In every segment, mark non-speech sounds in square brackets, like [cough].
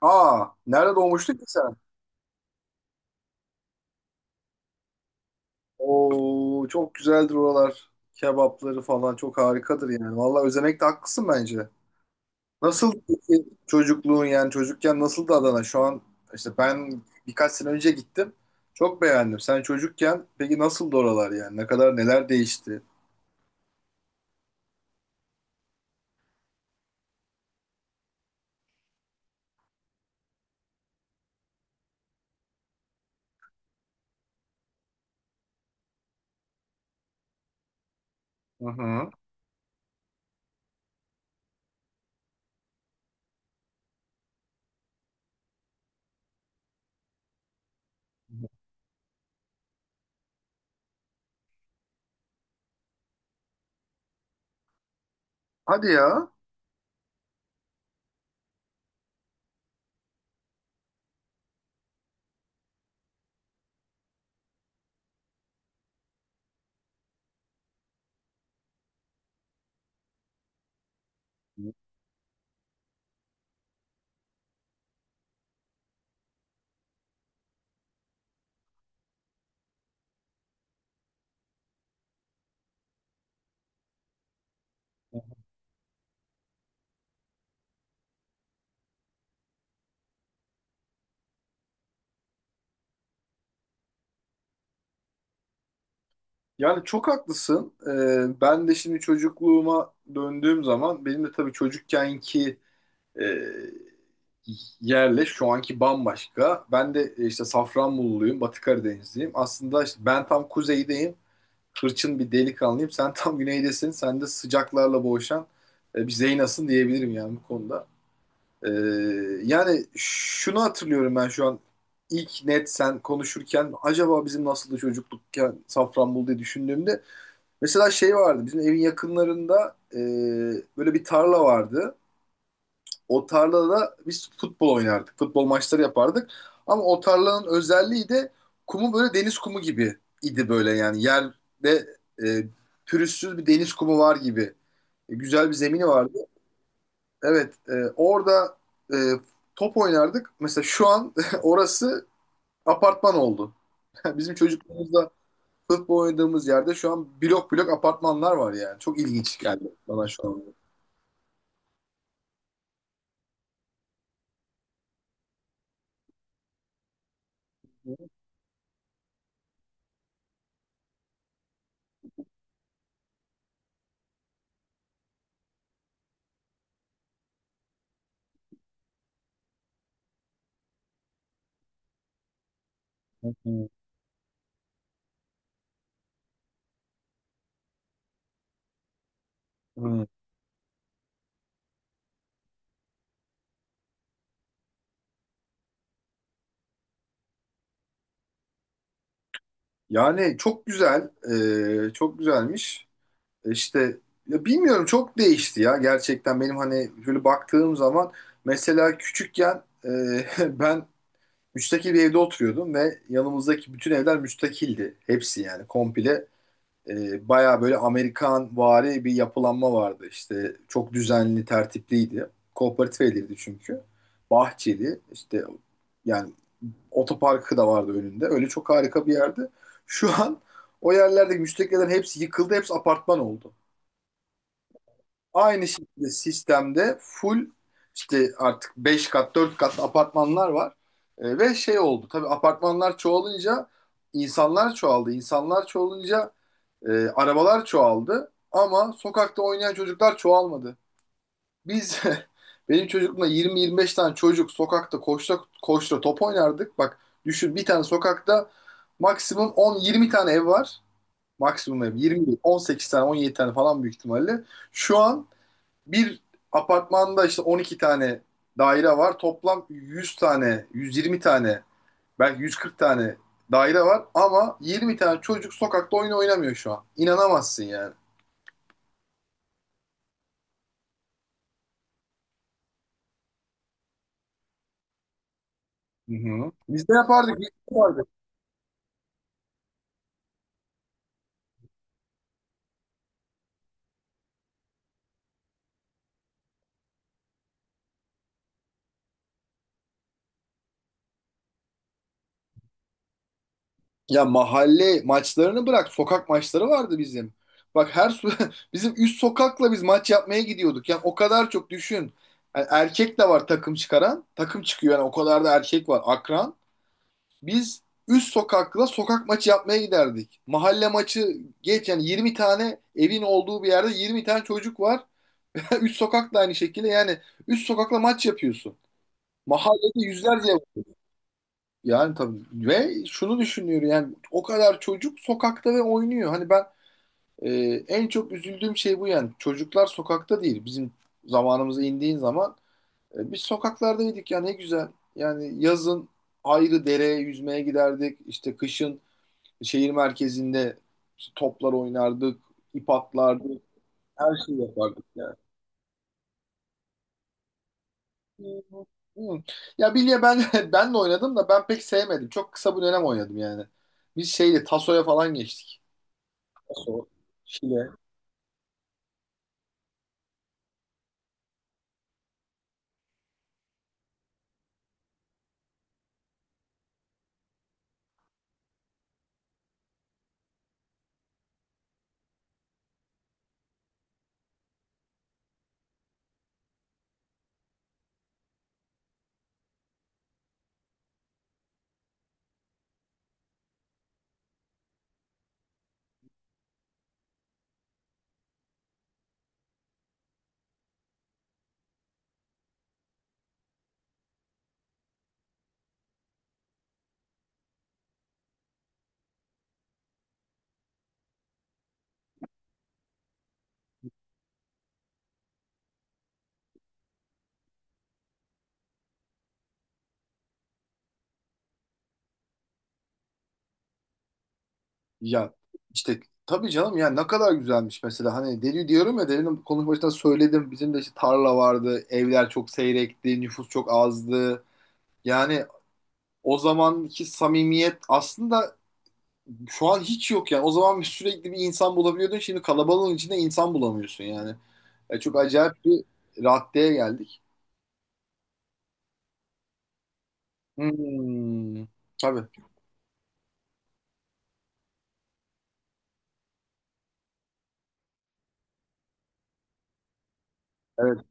Aa, nerede doğmuştun ki sen? Oo, çok güzeldir oralar. Kebapları falan çok harikadır yani. Vallahi özenekte haklısın bence. Nasıl peki çocukluğun yani çocukken nasıldı Adana? Şu an işte ben birkaç sene önce gittim. Çok beğendim. Sen çocukken peki nasıldı oralar yani? Ne kadar neler değişti? Hı hı. Hadi ya. Yani çok haklısın. Ben de şimdi çocukluğuma döndüğüm zaman benim de tabii çocukkenki e, yerle şu anki bambaşka. Ben de işte Safranboluluyum, Batı Karadenizliyim. Aslında işte ben tam kuzeydeyim, hırçın bir delikanlıyım. Sen tam güneydesin, sen de sıcaklarla boğuşan bir Zeynas'ın diyebilirim yani bu konuda. E, yani şunu hatırlıyorum ben şu an ilk net sen konuşurken acaba bizim nasıldı çocuklukken Safranbolu diye düşündüğümde mesela şey vardı bizim evin yakınlarında, böyle bir tarla vardı. O tarlada biz futbol oynardık. Futbol maçları yapardık. Ama o tarlanın özelliği de kumu böyle deniz kumu gibi idi böyle yani. Yerde e, pürüzsüz bir deniz kumu var gibi. Güzel bir zemini vardı. Evet, orada e, top oynardık. Mesela şu an [laughs] orası apartman oldu. [laughs] Bizim çocukluğumuzda futbol oynadığımız yerde şu an blok blok apartmanlar var yani. Çok ilginç geldi bana şu an. Hı hı. Yani çok güzel, çok güzelmiş. İşte ya bilmiyorum, çok değişti ya gerçekten. Benim hani böyle baktığım zaman mesela küçükken, [laughs] ben müstakil bir evde oturuyordum ve yanımızdaki bütün evler müstakildi. Hepsi, yani komple baya böyle Amerikan vari bir yapılanma vardı. İşte çok düzenli, tertipliydi. Kooperatif evlerdi çünkü. Bahçeli işte, yani otoparkı da vardı önünde. Öyle çok harika bir yerdi. Şu an o yerlerdeki müstakillerin hepsi yıkıldı. Hepsi apartman oldu. Aynı şekilde sistemde full, işte artık 5 kat 4 kat apartmanlar var. Ve şey oldu. Tabii apartmanlar çoğalınca insanlar çoğaldı. İnsanlar çoğalınca arabalar çoğaldı. Ama sokakta oynayan çocuklar çoğalmadı. Biz [laughs] benim çocukluğumda 20-25 tane çocuk sokakta koşta koşta top oynardık. Bak düşün, bir tane sokakta maksimum 10-20 tane ev var. Maksimum ev 20 değil, 18 tane 17 tane falan büyük ihtimalle. Şu an bir apartmanda işte 12 tane daire var. Toplam 100 tane, 120 tane, belki 140 tane daire var ama 20 tane çocuk sokakta oyun oynamıyor şu an. İnanamazsın yani. Hı hı. Biz de yapardık, biz de yapardık. Ya mahalle maçlarını bırak, sokak maçları vardı bizim. Bak her su [laughs] bizim üst sokakla biz maç yapmaya gidiyorduk. Yani o kadar çok, düşün. Yani erkek de var takım çıkaran. Takım çıkıyor yani, o kadar da erkek var akran. Biz üst sokakla sokak maçı yapmaya giderdik. Mahalle maçı geç, yani 20 tane evin olduğu bir yerde 20 tane çocuk var. [laughs] Üst sokak da aynı şekilde, yani üst sokakla maç yapıyorsun. Mahallede yüzlerce, yani tabii. Ve şunu düşünüyor, yani o kadar çocuk sokakta ve oynuyor. Hani ben, e, en çok üzüldüğüm şey bu yani. Çocuklar sokakta değil. Bizim zamanımıza indiğin zaman, biz sokaklardaydık ya, ne güzel. Yani yazın ayrı dereye yüzmeye giderdik. İşte kışın şehir merkezinde işte toplar oynardık, ip atlardık, her şeyi yapardık yani. Hı hı. Ya bilye, ben [laughs] ben de oynadım da ben pek sevmedim. Çok kısa bir dönem oynadım yani. Biz şeyle tasoya falan geçtik. Paso, Şile. Ya işte tabii canım, ya ne kadar güzelmiş. Mesela hani deli diyorum ya, delinin konuşmasında söyledim, bizim de işte tarla vardı, evler çok seyrekti, nüfus çok azdı, yani o zamanki samimiyet aslında şu an hiç yok yani. O zaman sürekli bir insan bulabiliyordun, şimdi kalabalığın içinde insan bulamıyorsun yani. Çok acayip bir raddeye geldik. Hmm. Tabii, evet.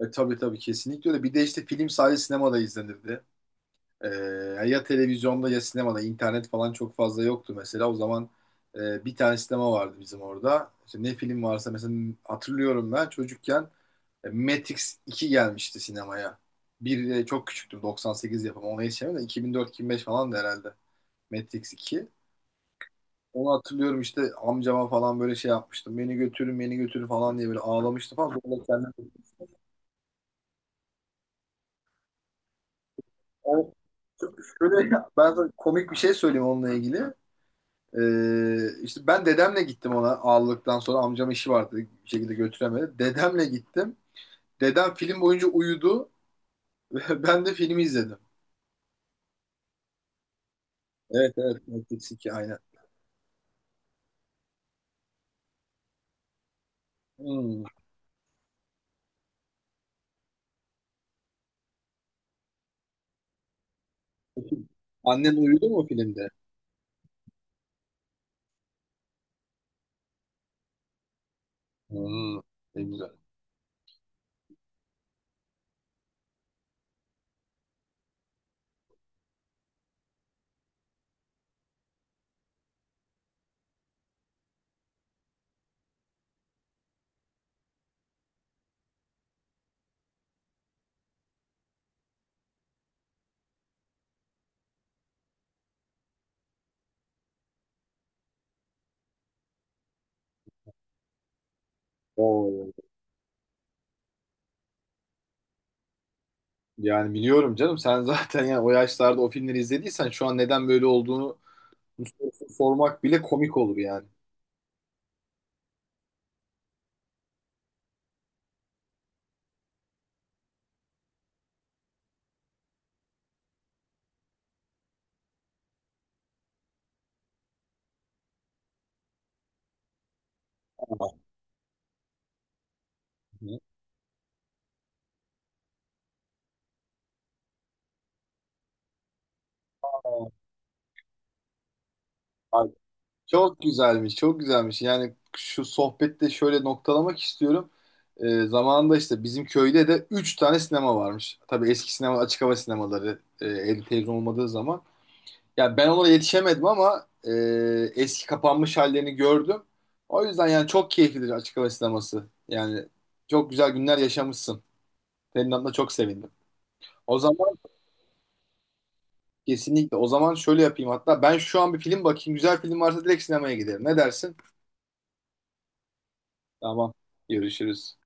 Tabii tabii, kesinlikle öyle. Bir de işte film sadece sinemada izlenirdi. Ee, ya televizyonda ya sinemada, internet falan çok fazla yoktu mesela. O zaman bir tane sinema vardı bizim orada. İşte ne film varsa, mesela hatırlıyorum ben çocukken Matrix 2 gelmişti sinemaya. Bir çok küçüktüm, 98 yapımı, ona yetişemem de, 2004-2005 falan da herhalde Matrix 2. Onu hatırlıyorum, işte amcama falan böyle şey yapmıştım. Beni götürün beni götürün falan diye böyle ağlamıştı falan. Sonra kendim... O, şöyle, ben sana komik bir şey söyleyeyim onunla ilgili. İşte ben dedemle gittim. Ona ağladıktan sonra amcam, işi vardı, bir şekilde götüremedi. Dedemle gittim. Dedem film boyunca uyudu. [laughs] Ben de filmi izledim. Evet, evet, Matrix 2 aynen. Hmm. Annen uyudu mu filmde? Hmm, ne güzel. Oo, yani biliyorum canım, sen zaten yani o yaşlarda o filmleri izlediysen şu an neden böyle olduğunu... Bu sorusu sormak bile komik olur yani. Aynen. Çok güzelmiş, çok güzelmiş. Yani şu sohbette şöyle noktalamak istiyorum. Zamanında işte bizim köyde de 3 tane sinema varmış. Tabii eski sinema, açık hava sinemaları, evde televizyon olmadığı zaman. Yani ben ona yetişemedim ama eski kapanmış hallerini gördüm. O yüzden yani çok keyiflidir açık hava sineması. Yani çok güzel günler yaşamışsın. Senin adına çok sevindim. O zaman kesinlikle, o zaman şöyle yapayım hatta. Ben şu an bir film bakayım. Güzel film varsa direkt sinemaya giderim. Ne dersin? Tamam, görüşürüz.